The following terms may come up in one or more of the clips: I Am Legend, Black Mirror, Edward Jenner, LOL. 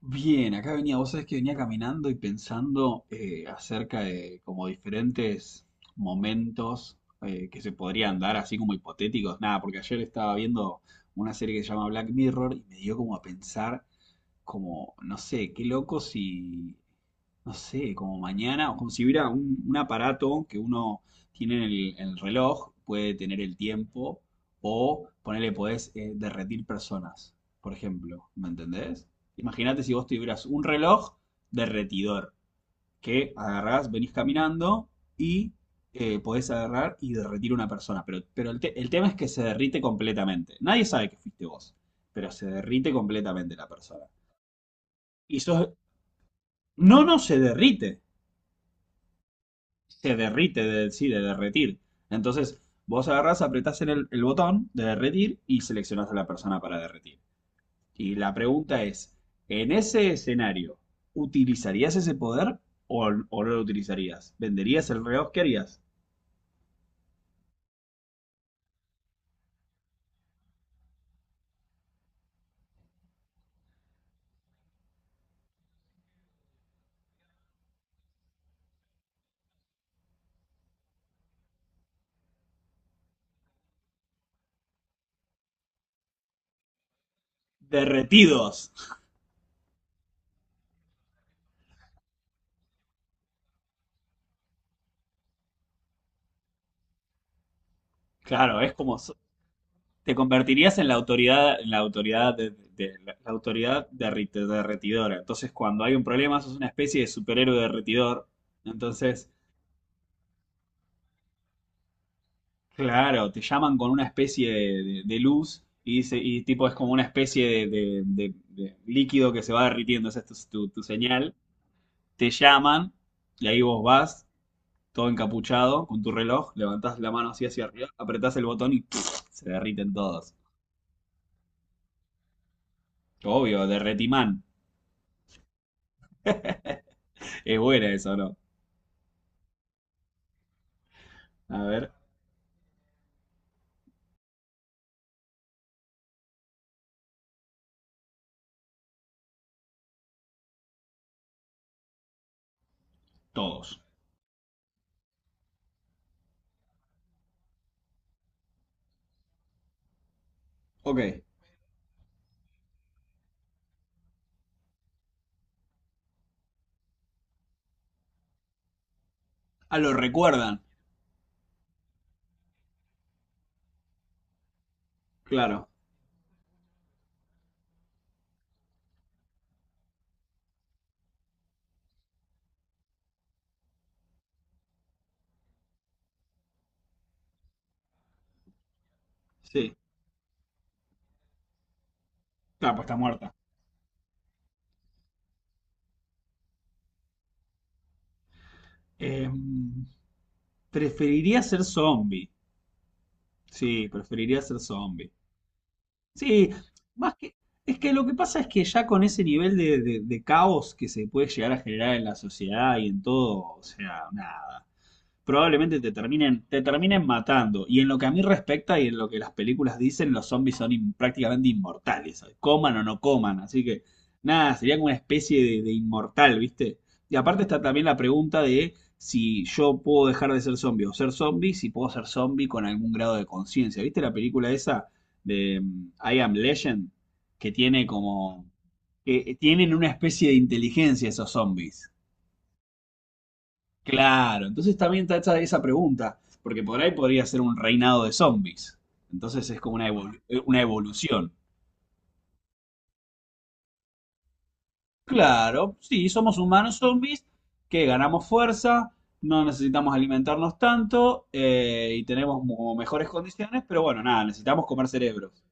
Bien, acá venía, vos sabés que venía caminando y pensando acerca de como diferentes momentos que se podrían dar, así como hipotéticos. Nada, porque ayer estaba viendo una serie que se llama Black Mirror y me dio como a pensar como, no sé, qué loco si, no sé, como mañana, o como si hubiera un aparato que uno tiene en el reloj, puede tener el tiempo, o ponele, podés derretir personas, por ejemplo, ¿me entendés? Imagínate si vos tuvieras un reloj derretidor, que agarrás, venís caminando y podés agarrar y derretir una persona, pero el tema es que se derrite completamente. Nadie sabe que fuiste vos, pero se derrite completamente la persona y No, no, se derrite. Se derrite, de, sí, de derretir. Entonces, vos agarrás, apretás en el botón de derretir y seleccionás a la persona para derretir. Y la pregunta es, en ese escenario, ¿utilizarías ese poder o no lo utilizarías? ¿Venderías el reloj? ¿Qué harías? Derretidos. Claro, es como. Te convertirías en la autoridad, la autoridad derretidora. Entonces, cuando hay un problema, sos una especie de superhéroe derretidor. Entonces, claro, te llaman con una especie de luz y tipo es como una especie de líquido que se va derritiendo, esa es tu señal. Te llaman y ahí vos vas, todo encapuchado, con tu reloj, levantás la mano así hacia arriba, apretás el botón y se derriten todos. Obvio, derretimán. Es buena esa, ¿no? A ver, todos. Ok. Ah, lo recuerdan. Claro, sí. Claro, pues está muerta. Em, ¿Preferiría ser zombie? Sí, preferiría ser zombie. Sí, más que... Es que lo que pasa es que ya con ese nivel de caos que se puede llegar a generar en la sociedad y en todo, o sea, nada probablemente te terminen matando. Y en lo que a mí respecta y en lo que las películas dicen, los zombies son prácticamente inmortales, coman o no coman. Así que nada, sería como una especie de inmortal, ¿viste? Y aparte está también la pregunta de si yo puedo dejar de ser zombie o ser zombie, si puedo ser zombie con algún grado de conciencia. ¿Viste la película esa de I Am Legend? Que tiene que tienen una especie de inteligencia esos zombies. Claro, entonces también está hecha esa pregunta, porque por ahí podría ser un reinado de zombies. Entonces es como una evolución. Claro, sí, somos humanos zombies que ganamos fuerza, no necesitamos alimentarnos tanto y tenemos como mejores condiciones, pero bueno, nada, necesitamos comer cerebros.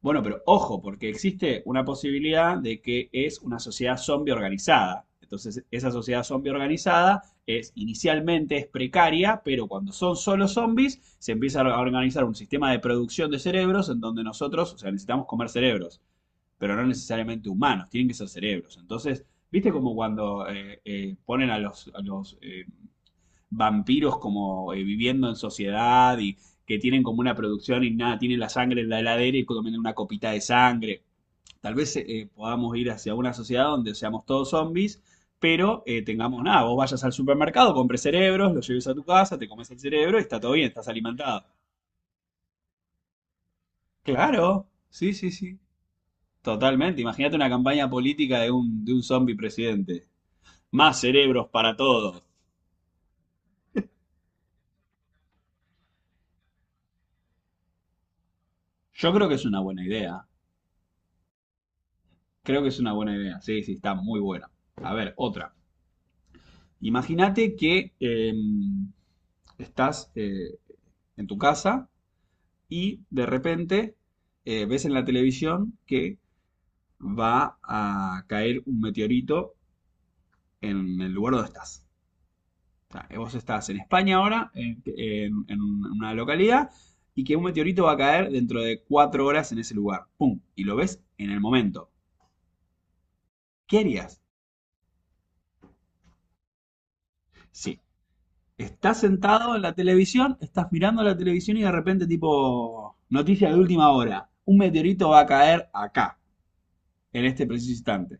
Bueno, pero ojo, porque existe una posibilidad de que es una sociedad zombie organizada. Entonces, esa sociedad zombie organizada es inicialmente es precaria, pero cuando son solo zombies, se empieza a organizar un sistema de producción de cerebros en donde nosotros, o sea, necesitamos comer cerebros, pero no necesariamente humanos, tienen que ser cerebros. Entonces, ¿viste como cuando ponen a los vampiros como viviendo en sociedad y que tienen como una producción y nada, tienen la sangre en la heladera y comen una copita de sangre. Tal vez podamos ir hacia una sociedad donde seamos todos zombies, pero tengamos nada, vos vayas al supermercado, compres cerebros, los lleves a tu casa, te comes el cerebro y está todo bien, estás alimentado. Claro, sí, sí, sí. Totalmente. Imagínate una campaña política de un zombie presidente. Más cerebros para todos. Yo creo que es una buena idea. Creo que es una buena idea. Sí, sí, está muy buena. A ver, otra. Imagínate que estás en tu casa y de repente ves en la televisión que va a caer un meteorito en el lugar donde estás. O sea, vos estás en España ahora, en una localidad, y que un meteorito va a caer dentro de 4 horas en ese lugar. ¡Pum! Y lo ves en el momento. ¿Qué harías? Sí, estás sentado en la televisión, estás mirando la televisión y de repente tipo noticia de última hora. Un meteorito va a caer acá, en este preciso instante.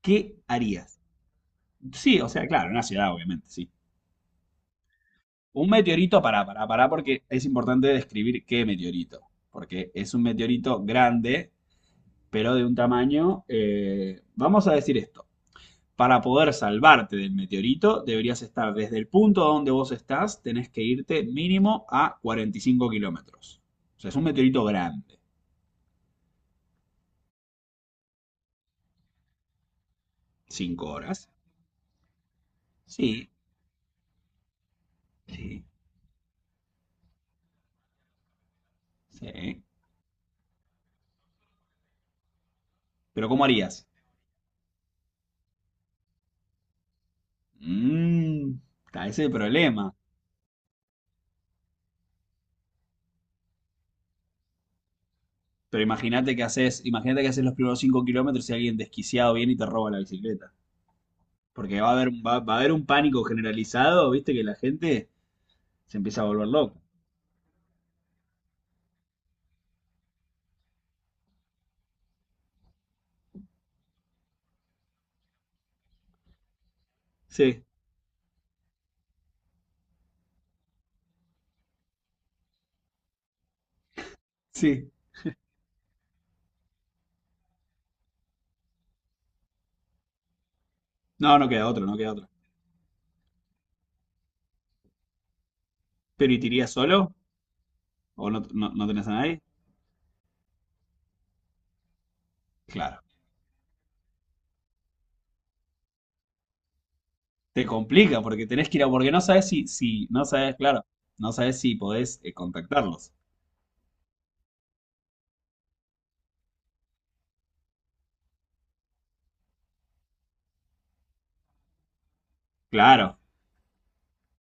¿Qué harías? Sí, o sea, claro, en una ciudad obviamente, sí. Un meteorito, pará, pará, pará, porque es importante describir qué meteorito. Porque es un meteorito grande, pero de un vamos a decir esto. Para poder salvarte del meteorito, deberías estar desde el punto donde vos estás, tenés que irte mínimo a 45 kilómetros. O sea, es un meteorito grande. ¿5 horas? Sí, sí, sí. Pero ¿cómo harías? Mmm, está ese el problema. Pero imagínate que haces los primeros 5 kilómetros y alguien desquiciado viene y te roba la bicicleta. Porque va a haber un pánico generalizado, viste, que la gente se empieza a volver loca. Sí, sí. No, no queda otro, no queda otro. ¿Pero y te irías solo? ¿O no, no, no tenés a nadie? Claro. Te complica porque tenés que porque no sabes si, no sabes, claro, no sabes si podés contactarlos. Claro.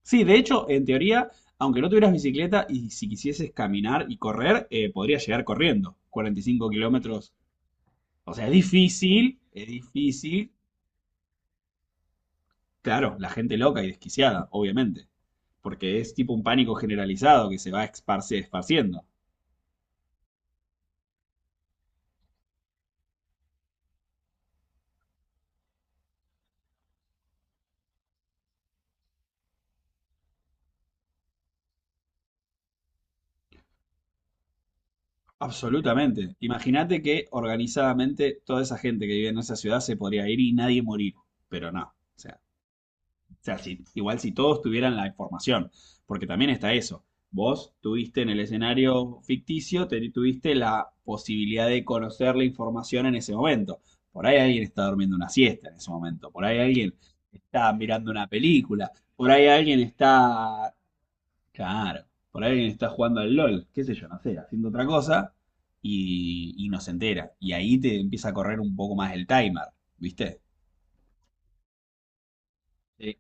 Sí, de hecho, en teoría, aunque no tuvieras bicicleta y si quisieses caminar y correr, podrías llegar corriendo. 45 kilómetros. O sea, es difícil, es difícil. Claro, la gente loca y desquiciada, obviamente. Porque es tipo un pánico generalizado que se va esparciendo. Absolutamente. Imagínate que organizadamente toda esa gente que vive en esa ciudad se podría ir y nadie morir, pero no. O sea, igual si todos tuvieran la información, porque también está eso. Vos tuviste en el escenario ficticio, tuviste la posibilidad de conocer la información en ese momento. Por ahí alguien está durmiendo una siesta en ese momento, por ahí alguien está mirando una película, por ahí alguien está. Claro. Por ahí alguien está jugando al LOL, qué sé yo, no sé, haciendo otra cosa y no se entera. Y ahí te empieza a correr un poco más el timer, ¿viste? Sí.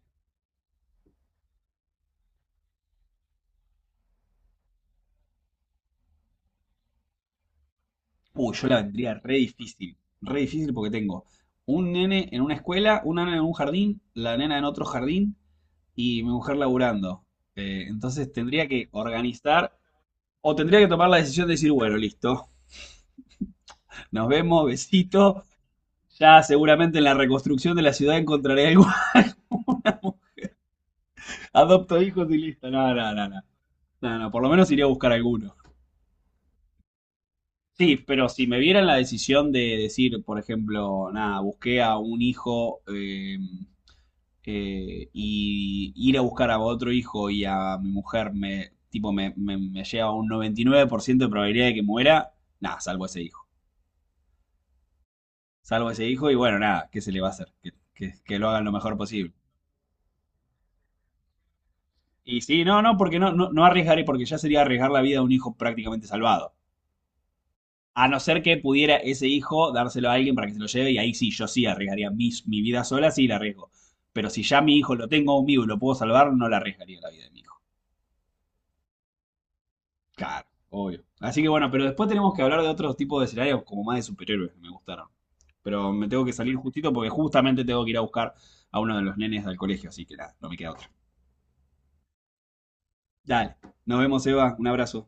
Uy, yo la vendría re difícil. Re difícil porque tengo un nene en una escuela, una nena en un jardín, la nena en otro jardín y mi mujer laburando. Entonces tendría que organizar o tendría que tomar la decisión de decir, bueno, listo, nos vemos, besito. Ya seguramente en la reconstrucción de la ciudad encontraré algo. Adopto hijos y listo. No, no, no, no. No, no, por lo menos iría a buscar alguno. Sí, pero si me vieran la decisión de decir, por ejemplo, nada, busqué a un hijo y ir a buscar a otro hijo y a mi mujer me, tipo, me lleva a un 99% de probabilidad de que muera, nada, salvo ese hijo. Salvo ese hijo y bueno, nada, ¿qué se le va a hacer? Que lo hagan lo mejor posible. Y sí, no, no, porque no, no, no arriesgaré, porque ya sería arriesgar la vida de un hijo prácticamente salvado. A no ser que pudiera ese hijo dárselo a alguien para que se lo lleve y ahí sí, yo sí arriesgaría mi vida sola, sí la arriesgo. Pero si ya mi hijo lo tengo conmigo y lo puedo salvar, no la arriesgaría la vida de mi hijo. Claro, obvio. Así que bueno, pero después tenemos que hablar de otros tipos de escenarios como más de superhéroes que me gustaron. Pero me tengo que salir justito porque justamente tengo que ir a buscar a uno de los nenes del colegio, así que nada, no me queda otra. Dale, nos vemos, Eva, un abrazo.